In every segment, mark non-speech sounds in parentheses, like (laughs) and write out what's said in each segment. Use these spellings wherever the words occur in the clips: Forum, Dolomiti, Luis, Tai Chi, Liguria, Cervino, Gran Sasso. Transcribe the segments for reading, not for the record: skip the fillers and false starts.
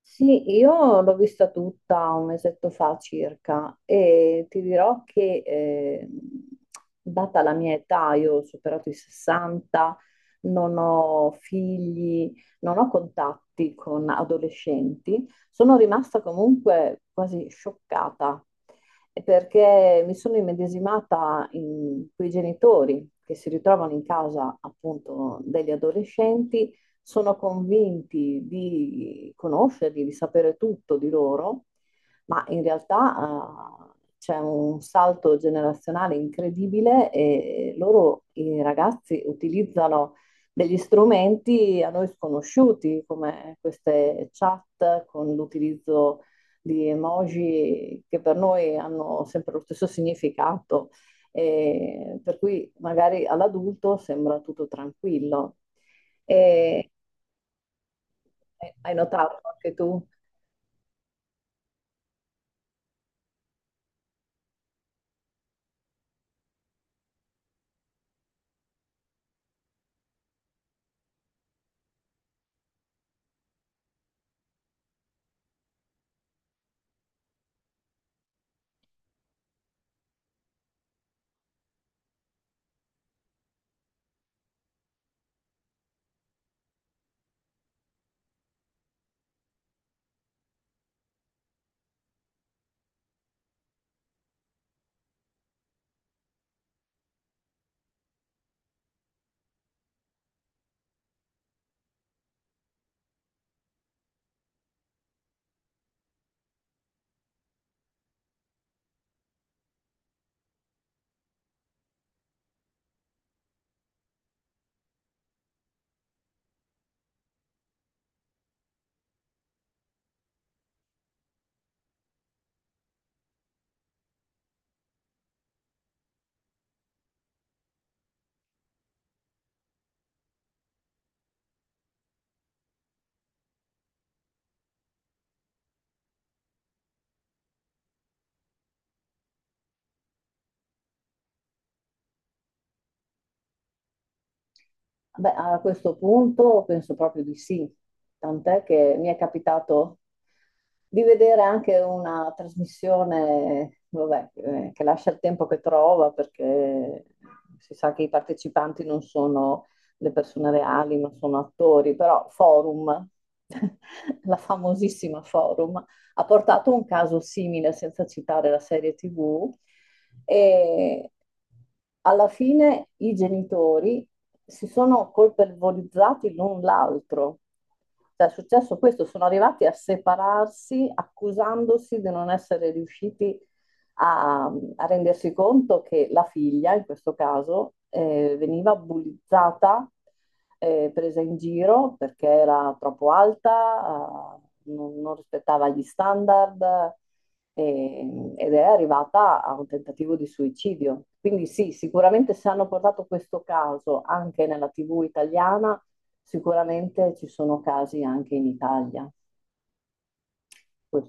Sì, io l'ho vista tutta un mesetto fa circa e ti dirò che data la mia età, io ho superato i 60, non ho figli, non ho contatti con adolescenti, sono rimasta comunque quasi scioccata perché mi sono immedesimata in quei genitori che si ritrovano in casa appunto degli adolescenti, sono convinti di conoscerli, di sapere tutto di loro, ma in realtà c'è un salto generazionale incredibile e loro, i ragazzi, utilizzano degli strumenti a noi sconosciuti, come queste chat con l'utilizzo di emoji che per noi hanno sempre lo stesso significato, e per cui magari all'adulto sembra tutto tranquillo. E hai notato anche tu? Beh, a questo punto penso proprio di sì, tant'è che mi è capitato di vedere anche una trasmissione, vabbè, che lascia il tempo che trova perché si sa che i partecipanti non sono le persone reali, ma sono attori, però Forum, (laughs) la famosissima Forum, ha portato un caso simile senza citare la serie TV e alla fine i genitori si sono colpevolizzati l'un l'altro. Cioè, è successo questo, sono arrivati a separarsi accusandosi di non essere riusciti a, a rendersi conto che la figlia, in questo caso, veniva bullizzata, presa in giro perché era troppo alta, non rispettava gli standard, ed è arrivata a un tentativo di suicidio. Quindi sì, sicuramente se hanno portato questo caso anche nella TV italiana, sicuramente ci sono casi anche in Italia, que-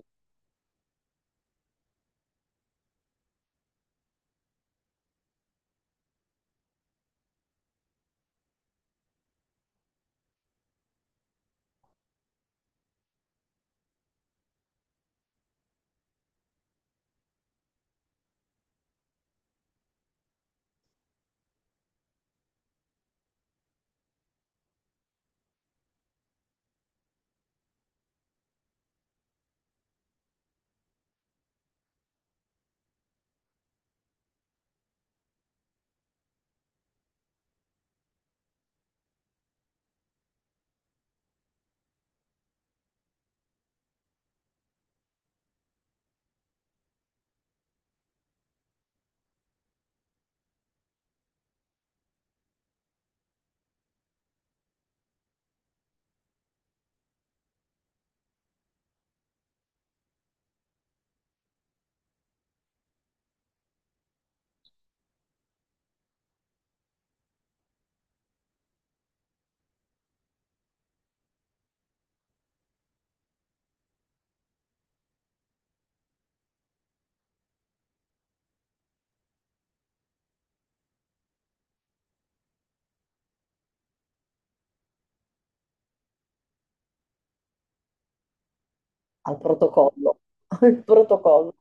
al protocollo. (laughs) Il protocollo.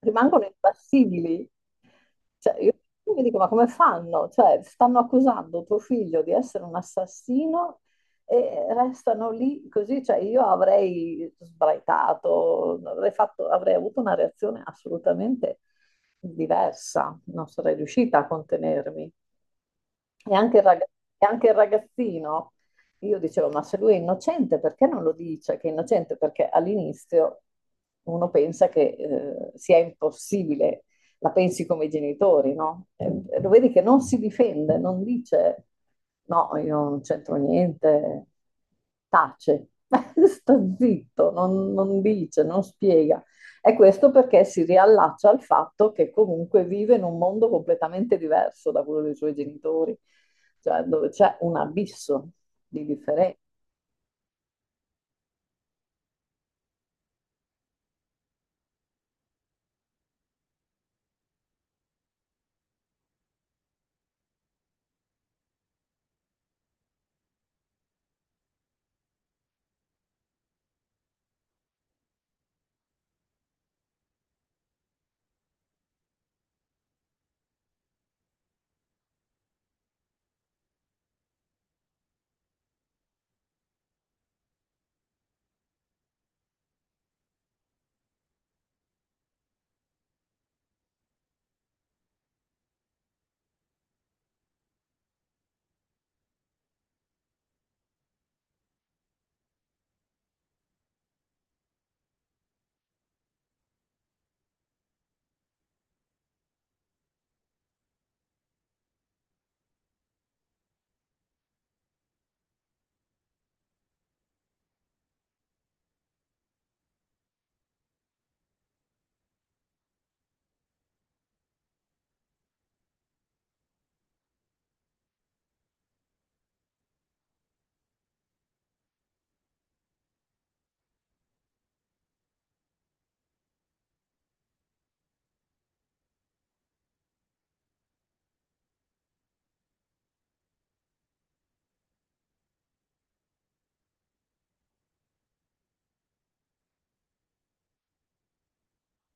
Rimangono impassibili. Cioè, io mi dico, ma come fanno? Cioè, stanno accusando tuo figlio di essere un assassino e restano lì così. Cioè, io avrei sbraitato, avrei avuto una reazione assolutamente diversa, non sarei riuscita a contenermi. E anche il raga- e anche il ragazzino, io dicevo, ma se lui è innocente, perché non lo dice che è innocente? Perché all'inizio uno pensa che sia impossibile, la pensi come i genitori, no? E lo vedi che non si difende, non dice, no, io non c'entro niente, tace, (laughs) sta zitto, non dice, non spiega. E questo perché si riallaccia al fatto che comunque vive in un mondo completamente diverso da quello dei suoi genitori, cioè dove c'è un abisso di differenza.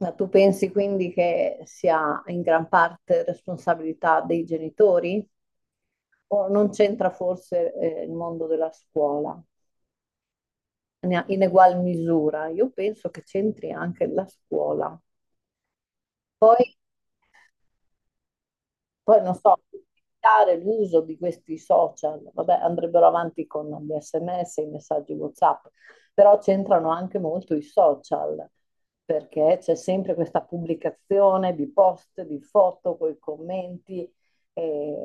Ma tu pensi quindi che sia in gran parte responsabilità dei genitori o non c'entra forse il mondo della scuola in egual misura? Io penso che c'entri anche la scuola. Poi Poi non so, limitare l'uso di questi social, vabbè, andrebbero avanti con gli SMS, i messaggi WhatsApp, però c'entrano anche molto i social, perché c'è sempre questa pubblicazione di post, di foto, con i commenti, eh,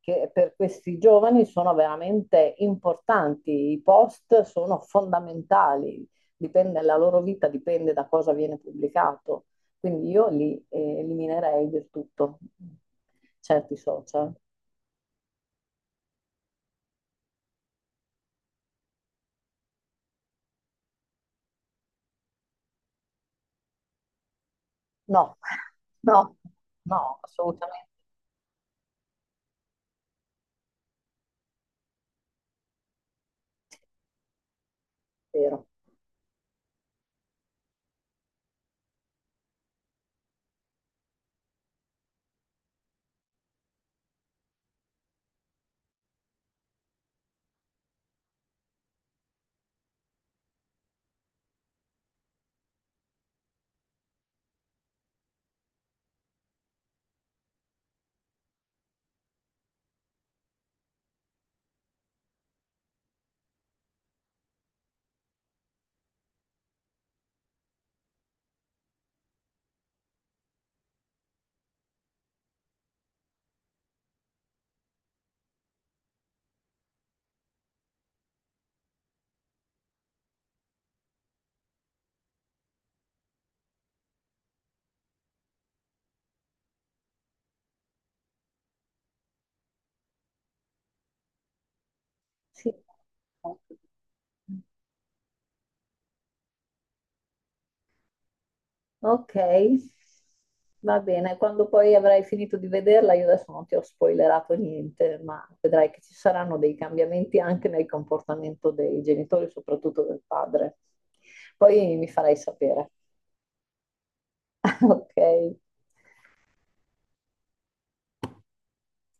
che per questi giovani sono veramente importanti. I post sono fondamentali, dipende, la loro vita dipende da cosa viene pubblicato. Quindi io li eliminerei del tutto certi social. No, (laughs) no, no, assolutamente vero. Sì. Ok, va bene. Quando poi avrai finito di vederla, io adesso non ti ho spoilerato niente, ma vedrai che ci saranno dei cambiamenti anche nel comportamento dei genitori, soprattutto del padre. Poi mi farai sapere. (laughs) Ok.